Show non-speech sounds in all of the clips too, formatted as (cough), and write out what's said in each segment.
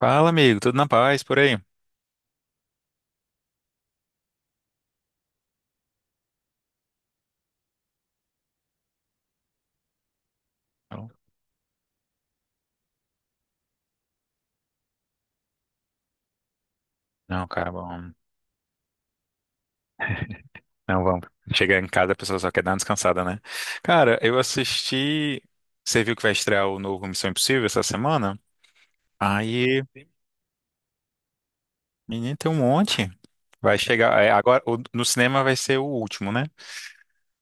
Fala, amigo, tudo na paz por aí? Não, não, cara, bom. Não, vamos. Chegar em casa, a pessoa só quer dar uma descansada, né? Cara, eu assisti. Você viu que vai estrear o novo Missão Impossível essa semana? Aí, menino, tem um monte. Vai chegar. É, agora, no cinema vai ser o último, né?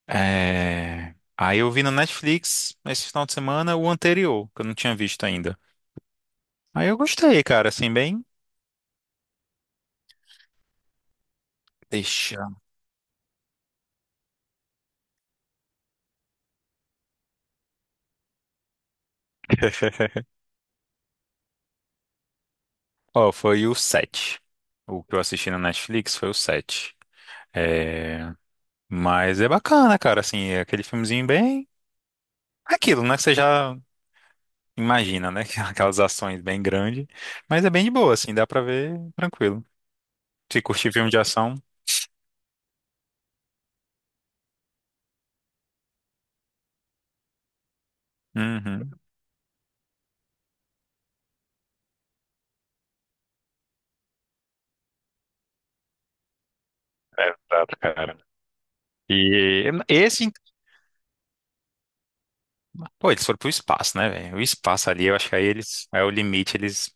Aí eu vi no Netflix esse final de semana o anterior, que eu não tinha visto ainda. Aí eu gostei, cara, assim, bem. Deixa. (laughs) Ó, foi o 7. O que eu assisti na Netflix foi o 7. É, mas é bacana, cara, assim, é aquele filmezinho bem aquilo, né, que você já imagina, né, (laughs) que é aquelas ações bem grandes, mas é bem de boa, assim, dá pra ver tranquilo. Se curtir filme de ação, uhum. É, exato, cara. E esse, pô, eles foram pro espaço, né, velho? O espaço ali, eu acho que aí eles, é o limite, eles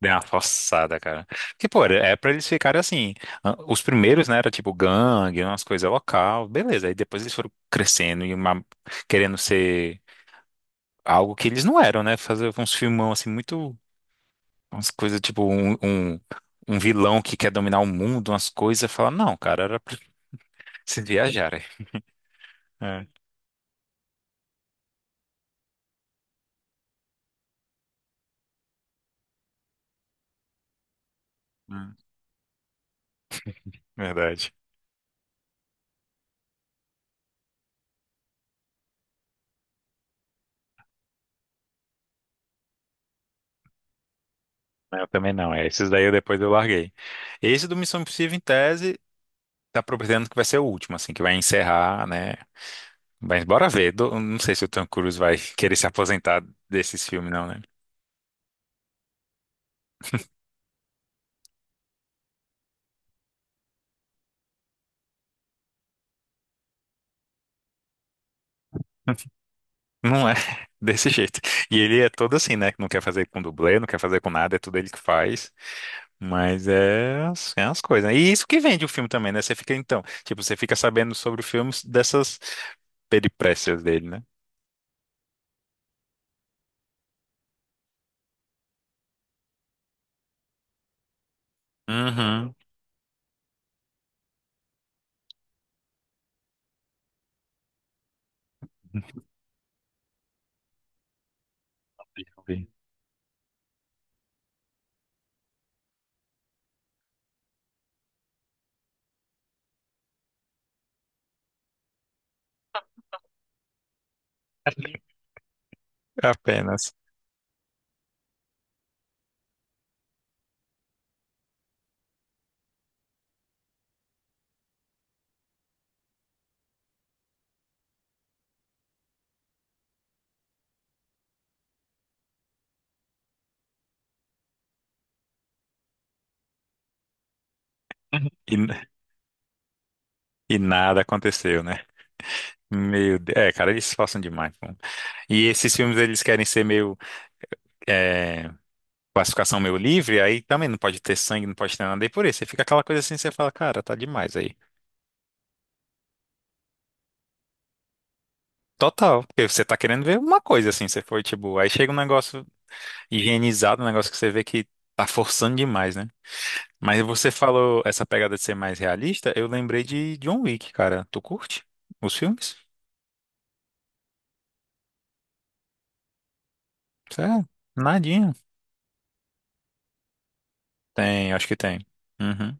deram uma forçada, cara. Porque, pô, é pra eles ficarem assim, ah, os primeiros, né, era tipo gangue, umas coisas local, beleza, aí depois eles foram crescendo e uma, querendo ser algo que eles não eram, né? Fazer uns filmão assim, muito. Umas coisas tipo um vilão que quer dominar o mundo, umas coisas. Fala, não, cara, era pra se viajar. É, hum, verdade. Eu também não, é. Esses daí eu depois eu larguei. Esse do Missão Impossível, em tese, tá prometendo que vai ser o último, assim, que vai encerrar, né? Mas bora ver. Não sei se o Tom Cruise vai querer se aposentar desses filmes, não, né? Não é (laughs) desse jeito. E ele é todo assim, né? Que não quer fazer com dublê, não quer fazer com nada, é tudo ele que faz. Mas é, é umas coisas, né? E isso que vende o filme também, né? Você fica, então, tipo, você fica sabendo sobre o filme dessas peripécias dele, né? Uhum. (laughs) Sim. Apenas. E, e nada aconteceu, né? Meu Deus. É, cara, eles se passam demais, pô. E esses filmes, eles querem ser meio. É, classificação meio livre, aí também não pode ter sangue, não pode ter nada, e por isso, você fica aquela coisa assim, você fala, cara, tá demais aí. Total, porque você tá querendo ver uma coisa assim, você foi tipo, aí chega um negócio higienizado, um negócio que você vê que tá forçando demais, né? Mas você falou essa pegada de ser mais realista, eu lembrei de John Wick, cara. Tu curte os filmes? Sério? Nadinha. Tem, acho que tem. Uhum.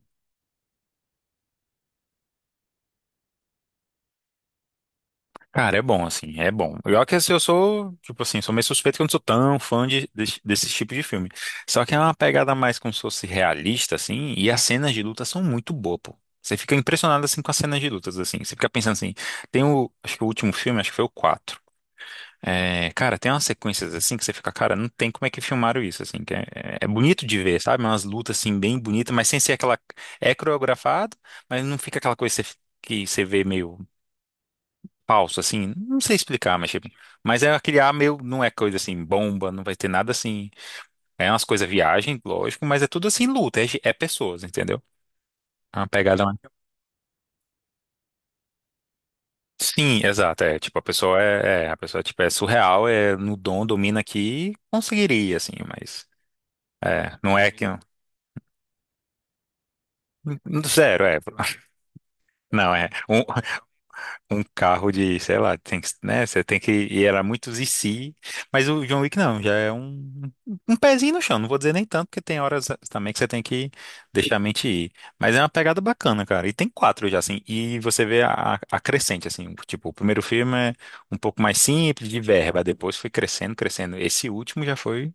Cara, é bom, assim, é bom. Eu que assim, eu sou, tipo assim, sou meio suspeito que eu não sou tão fã de, desse, desse tipo de filme. Só que é uma pegada mais como se fosse realista, assim, e as cenas de luta são muito boas, pô. Você fica impressionado, assim, com as cenas de lutas, assim. Você fica pensando assim, tem o, acho que o último filme, acho que foi o quatro. É, cara, tem umas sequências, assim, que você fica, cara, não tem como é que filmaram isso, assim, que é, é bonito de ver, sabe? Umas lutas, assim, bem bonitas, mas sem ser aquela, é coreografado, mas não fica aquela coisa que você vê meio falso, assim, não sei explicar, mas tipo, mas é aquele ar meio, não é coisa assim, bomba, não vai ter nada assim, é umas coisas viagem, lógico, mas é tudo assim, luta, é, é pessoas, entendeu? É uma pegada mais... Sim, exato, é, tipo, a pessoa é, a pessoa, tipo, é surreal, é no dom, domina aqui, conseguiria, assim, mas, é, não é que... Zero, é. (laughs) Não, é. Um carro de, sei lá, tem que, né? Você tem que. E era muitos e se. Mas o John Wick não, já é um pezinho no chão. Não vou dizer nem tanto, porque tem horas também que você tem que deixar a mente ir. Mas é uma pegada bacana, cara. E tem quatro já, assim. E você vê a crescente, assim. Tipo, o primeiro filme é um pouco mais simples, de verba. Depois foi crescendo, crescendo. Esse último já foi,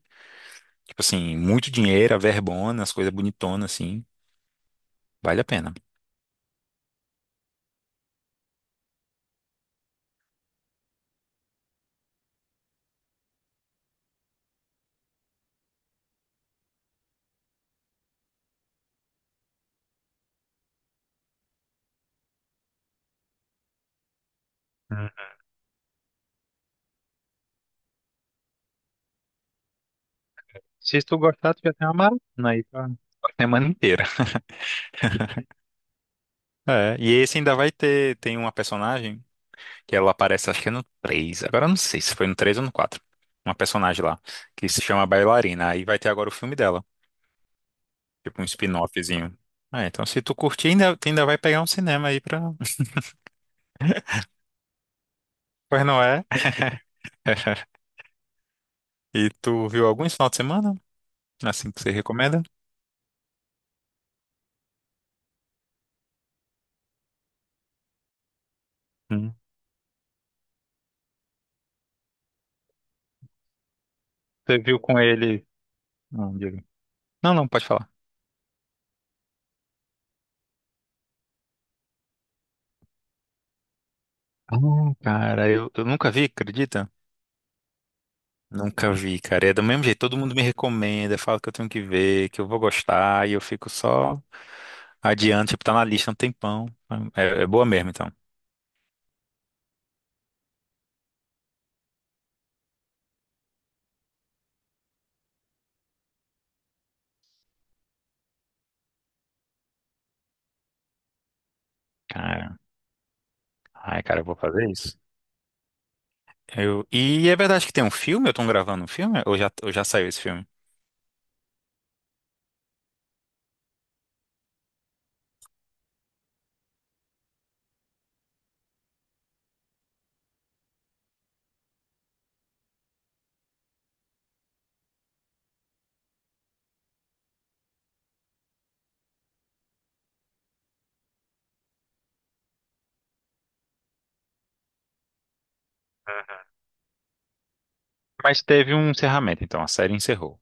tipo assim, muito dinheiro, a verbona, as coisas bonitonas, assim. Vale a pena. Hum. Se tu gostar, tu já tem uma maratona aí pra a semana inteira. É, e esse ainda vai ter, tem uma personagem que ela aparece, acho que é no três, agora eu não sei se foi no 3 ou no quatro, uma personagem lá, que se chama Bailarina, aí vai ter agora o filme dela, tipo um spin-offzinho. Ah, então se tu curtir, ainda, tu ainda vai pegar um cinema aí pra... (laughs) Pois não é? (laughs) E tu viu algum esse final de semana? Assim que você recomenda? Hum. Você viu com ele... Não, diga. Não, não, pode falar. Ah, cara, eu nunca vi, acredita? Nunca vi, cara. E é do mesmo jeito, todo mundo me recomenda, fala que eu tenho que ver, que eu vou gostar, e eu fico só adiante tipo, tá na lista há um tempão. É, é boa mesmo, então. Cara, ai, cara, eu vou fazer isso. E é verdade que tem um filme? Eu tô gravando um filme? Ou já saiu esse filme? Uhum. Mas teve um encerramento, então, a série encerrou.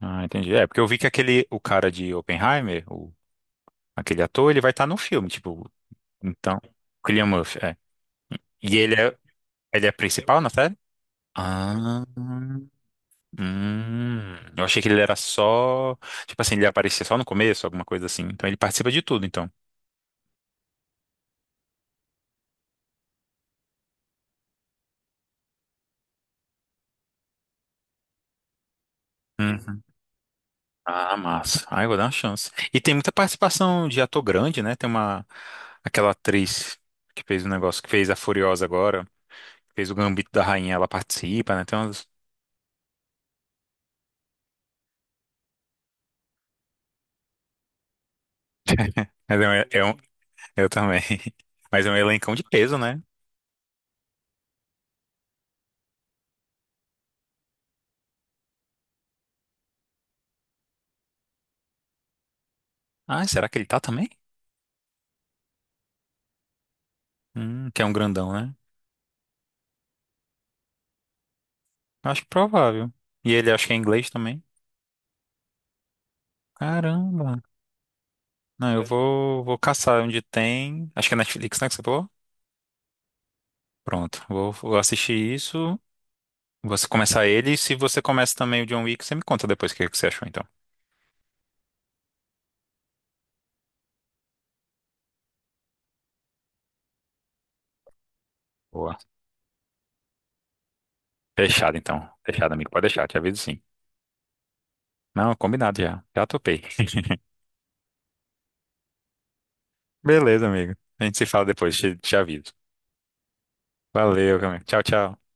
Ah, entendi. É, porque eu vi que aquele, o cara de Oppenheimer, o, aquele ator, ele vai estar no filme, tipo, então, Cillian Murphy, é. E ele é principal na série? Ah. Eu achei que ele era só, tipo assim, ele aparecia só no começo, alguma coisa assim. Então ele participa de tudo, então. Uhum. Ah, massa. Ai, vou dar uma chance. E tem muita participação de ator grande, né? Tem uma, aquela atriz que fez o negócio, que fez a Furiosa agora, fez o Gambito da Rainha, ela participa, né? Tem umas... (laughs) Mas é um, eu também. (laughs) Mas é um elencão de peso, né? Ah, será que ele tá também? Que é um grandão, né? Acho provável. E ele acho que é inglês também. Caramba. Não, vou caçar onde tem. Acho que é Netflix, né, que você falou? Pronto, vou assistir isso. Você começar ele. E se você começa também o John Wick, você me conta depois o que que você achou, então. Boa. Fechado, então. Fechado, amigo. Pode deixar, te aviso sim. Não, combinado já. Já topei. (laughs) Beleza, amigo. A gente se fala depois, te aviso. Valeu, amigo. Tchau, tchau.